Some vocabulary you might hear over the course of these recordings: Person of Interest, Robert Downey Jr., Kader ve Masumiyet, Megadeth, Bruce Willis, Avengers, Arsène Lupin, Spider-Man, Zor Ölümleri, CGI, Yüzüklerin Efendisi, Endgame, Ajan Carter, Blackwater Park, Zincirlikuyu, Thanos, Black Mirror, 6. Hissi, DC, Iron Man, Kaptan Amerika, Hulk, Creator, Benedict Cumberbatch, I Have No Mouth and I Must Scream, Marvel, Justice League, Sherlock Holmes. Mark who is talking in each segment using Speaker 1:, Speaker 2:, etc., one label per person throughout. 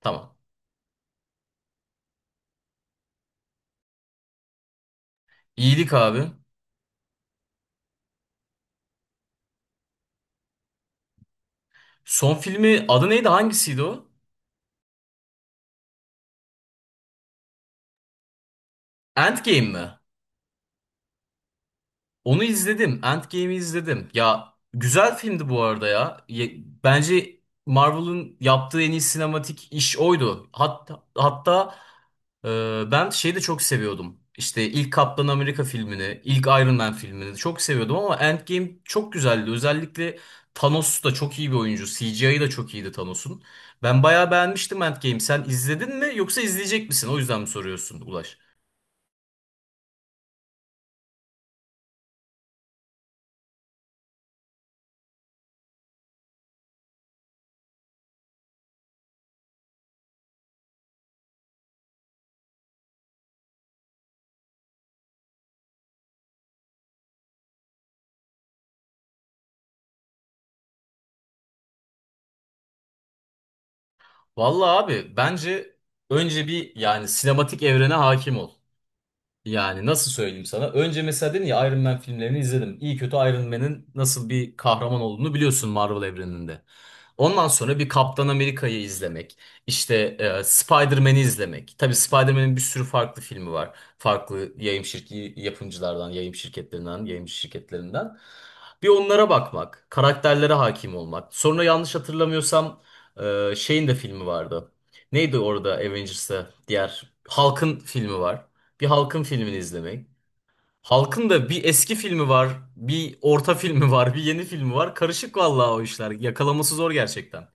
Speaker 1: Tamam. İyilik abi. Son filmi adı neydi? Hangisiydi o? Endgame mi? Onu izledim. Endgame'i izledim. Ya güzel filmdi bu arada ya. Bence Marvel'ın yaptığı en iyi sinematik iş oydu. Hatta, ben şeyi de çok seviyordum. İşte ilk Kaptan Amerika filmini, ilk Iron Man filmini çok seviyordum ama Endgame çok güzeldi. Özellikle Thanos da çok iyi bir oyuncu. CGI'ı da çok iyiydi Thanos'un. Ben bayağı beğenmiştim Endgame. Sen izledin mi yoksa izleyecek misin? O yüzden mi soruyorsun Ulaş? Vallahi abi bence önce bir yani sinematik evrene hakim ol. Yani nasıl söyleyeyim sana? Önce mesela dedin ya Iron Man filmlerini izledim. İyi kötü Iron Man'in nasıl bir kahraman olduğunu biliyorsun Marvel evreninde. Ondan sonra bir Kaptan Amerika'yı izlemek, işte Spider-Man'i izlemek. Tabii Spider-Man'in bir sürü farklı filmi var. Farklı yayın şirki yapımcılardan, yayın şirketlerinden, yayın şirketlerinden. Bir onlara bakmak, karakterlere hakim olmak. Sonra yanlış hatırlamıyorsam şeyin de filmi vardı. Neydi orada Avengers'ta diğer Hulk'ın filmi var. Bir halkın filmini izlemek. Halkın da bir eski filmi var, bir orta filmi var, bir yeni filmi var. Karışık vallahi o işler. Yakalaması zor gerçekten.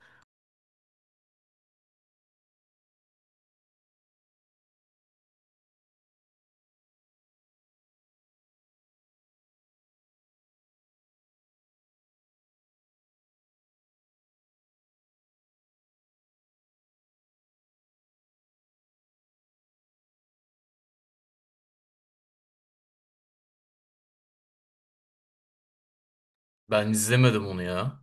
Speaker 1: Ben izlemedim onu ya.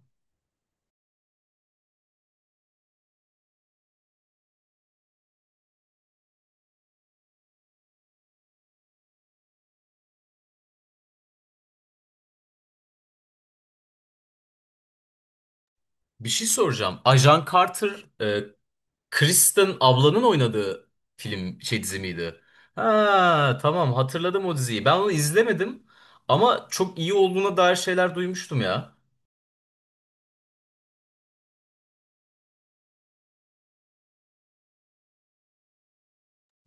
Speaker 1: Bir şey soracağım. Ajan Carter, Kristen ablanın oynadığı film şey dizi miydi? Ha, tamam hatırladım o diziyi. Ben onu izlemedim ama çok iyi olduğuna dair şeyler duymuştum ya.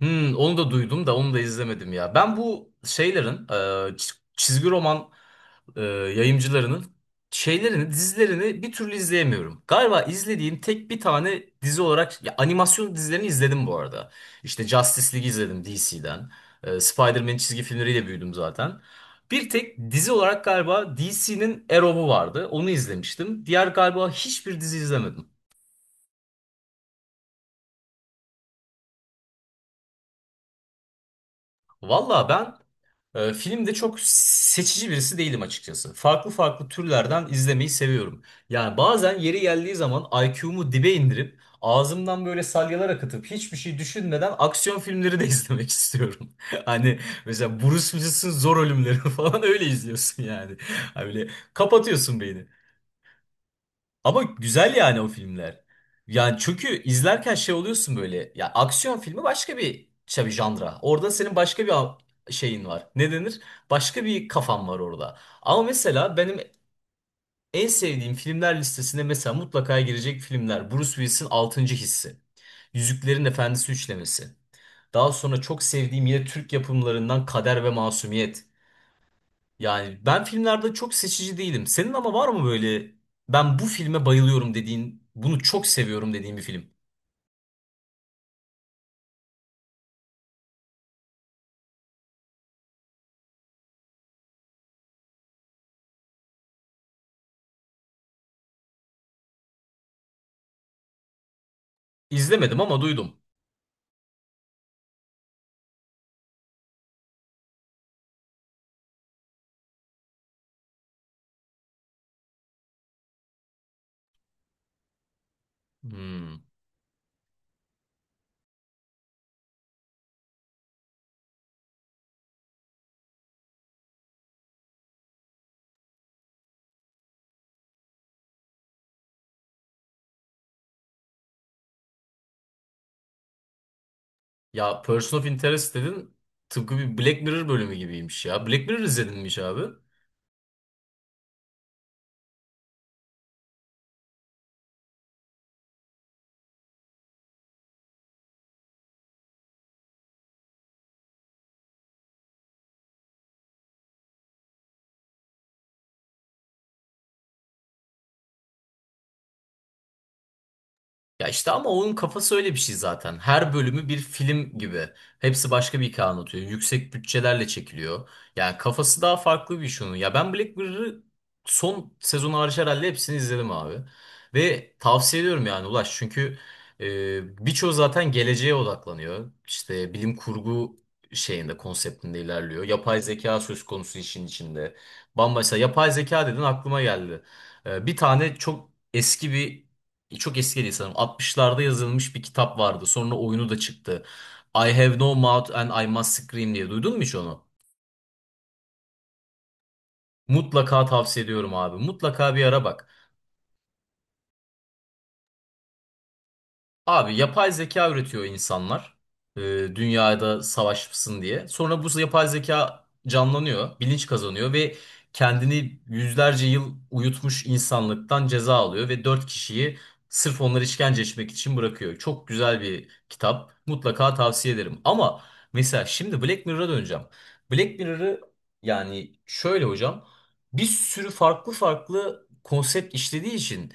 Speaker 1: Hmm, onu da duydum da onu da izlemedim ya. Ben bu şeylerin çizgi roman e, yayımcılarının şeylerini, dizilerini bir türlü izleyemiyorum. Galiba izlediğim tek bir tane dizi olarak ya animasyon dizilerini izledim bu arada. İşte Justice League izledim DC'den. Spider-Man çizgi filmleriyle büyüdüm zaten. Bir tek dizi olarak galiba DC'nin Arrow'u vardı. Onu izlemiştim. Diğer galiba hiçbir dizi izlemedim. Valla ben filmde çok seçici birisi değilim açıkçası. Farklı farklı türlerden izlemeyi seviyorum. Yani bazen yeri geldiği zaman IQ'mu dibe indirip ağzımdan böyle salyalar akıtıp hiçbir şey düşünmeden aksiyon filmleri de izlemek istiyorum. Hani mesela Bruce Willis'in Zor Ölümleri falan öyle izliyorsun yani. Hani böyle kapatıyorsun beyni. Ama güzel yani o filmler. Yani çünkü izlerken şey oluyorsun böyle. Ya aksiyon filmi başka bir şey bir janra. Orada senin başka bir şeyin var. Ne denir? Başka bir kafan var orada. Ama mesela benim en sevdiğim filmler listesine mesela mutlaka girecek filmler. Bruce Willis'in 6. Hissi. Yüzüklerin Efendisi üçlemesi. Daha sonra çok sevdiğim yine Türk yapımlarından Kader ve Masumiyet. Yani ben filmlerde çok seçici değilim. Senin ama var mı böyle ben bu filme bayılıyorum dediğin, bunu çok seviyorum dediğin bir film? İzlemedim ama duydum. Hmm. Ya Person of Interest dedin tıpkı bir Black Mirror bölümü gibiymiş ya. Black Mirror izledin mi hiç abi? Ya işte ama onun kafası öyle bir şey zaten. Her bölümü bir film gibi. Hepsi başka bir hikaye anlatıyor. Yüksek bütçelerle çekiliyor. Yani kafası daha farklı bir iş onun. Ya ben Black Mirror'ı son sezonu hariç herhalde hepsini izledim abi. Ve tavsiye ediyorum yani Ulaş. Çünkü birçoğu zaten geleceğe odaklanıyor. İşte bilim kurgu şeyinde, konseptinde ilerliyor. Yapay zeka söz konusu işin içinde. Bambaşka yapay zeka dedin aklıma geldi. Bir tane çok eski bir çok eski değil sanırım. 60'larda yazılmış bir kitap vardı. Sonra oyunu da çıktı. I Have No Mouth and I Must Scream diye. Duydun mu hiç onu? Mutlaka tavsiye ediyorum abi. Mutlaka bir ara bak. Abi yapay zeka üretiyor insanlar. e, dünyada savaşsın diye. Sonra bu yapay zeka canlanıyor, bilinç kazanıyor ve kendini yüzlerce yıl uyutmuş insanlıktan ceza alıyor ve dört kişiyi sırf onları işkence etmek için bırakıyor. Çok güzel bir kitap. Mutlaka tavsiye ederim. Ama mesela şimdi Black Mirror'a döneceğim. Black Mirror'ı yani şöyle hocam bir sürü farklı farklı konsept işlediği için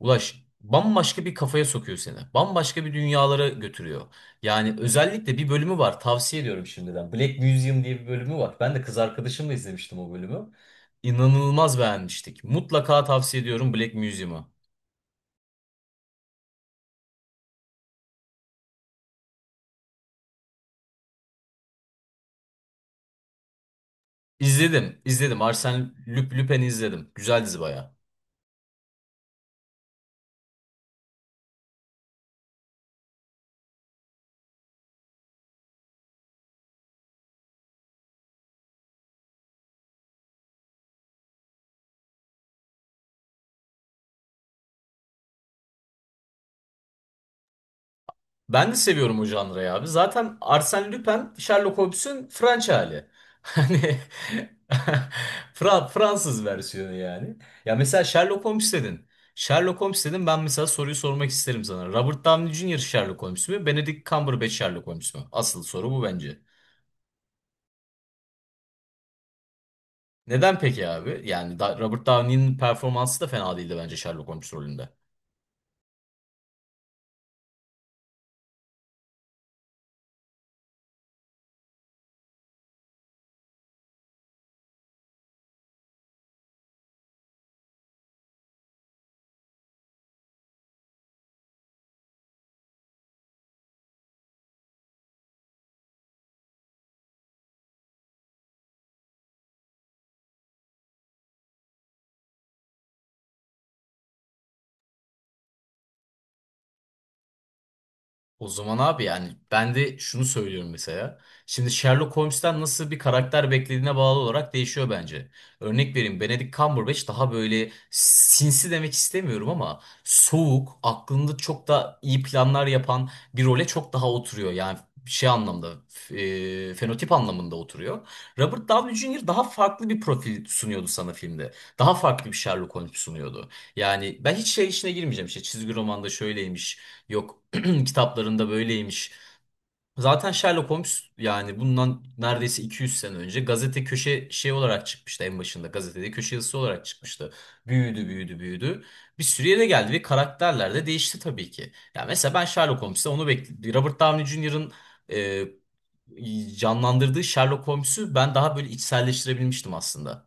Speaker 1: Ulaş bambaşka bir kafaya sokuyor seni. Bambaşka bir dünyalara götürüyor. Yani özellikle bir bölümü var tavsiye ediyorum şimdiden. Black Museum diye bir bölümü var. Ben de kız arkadaşımla izlemiştim o bölümü. İnanılmaz beğenmiştik. Mutlaka tavsiye ediyorum Black Museum'u. İzledim, izledim. Arsène Lupin'i izledim. Güzel dizi bayağı. Ben de seviyorum o janrayı abi. Zaten Arsène Lupin, Sherlock Holmes'ün French hali. Hani Fransız versiyonu yani. Ya mesela Sherlock Holmes dedin. Sherlock Holmes dedin ben mesela soruyu sormak isterim sana. Robert Downey Jr. Sherlock Holmes mü? Benedict Cumberbatch Sherlock Holmes mü? Asıl soru bu bence. Neden peki abi? Yani Robert Downey'nin performansı da fena değildi bence Sherlock Holmes rolünde. O zaman abi yani ben de şunu söylüyorum mesela. Şimdi Sherlock Holmes'ten nasıl bir karakter beklediğine bağlı olarak değişiyor bence. Örnek vereyim Benedict Cumberbatch daha böyle sinsi demek istemiyorum ama soğuk, aklında çok da iyi planlar yapan bir role çok daha oturuyor. Yani şey anlamda, fenotip anlamında oturuyor. Robert Downey Jr. daha farklı bir profil sunuyordu sana filmde. Daha farklı bir Sherlock Holmes sunuyordu. Yani ben hiç şey işine girmeyeceğim işte çizgi romanda şöyleymiş. Yok Kitaplarında böyleymiş. Zaten Sherlock Holmes yani bundan neredeyse 200 sene önce gazete köşe şey olarak çıkmıştı en başında. Gazetede köşe yazısı olarak çıkmıştı. Büyüdü, büyüdü, büyüdü. Bir sürü yere geldi ve karakterler de değişti tabii ki. Ya mesela ben Sherlock Holmes'te onu bekledim. Robert Downey Jr.'ın canlandırdığı Sherlock Holmes'u ben daha böyle içselleştirebilmiştim aslında.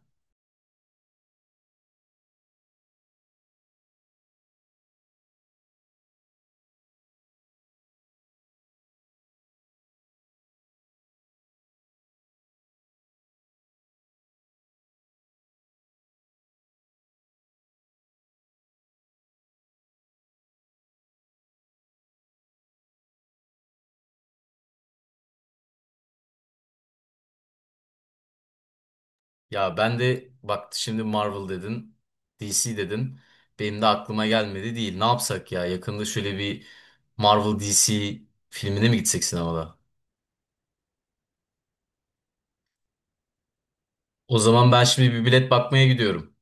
Speaker 1: Ya ben de bak şimdi Marvel dedin, DC dedin. Benim de aklıma gelmedi değil. Ne yapsak ya? Yakında şöyle bir Marvel DC filmine mi gitsek sinemada? O zaman ben şimdi bir bilet bakmaya gidiyorum.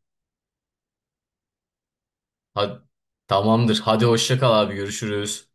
Speaker 1: Hadi, tamamdır. Hadi hoşça kal abi görüşürüz.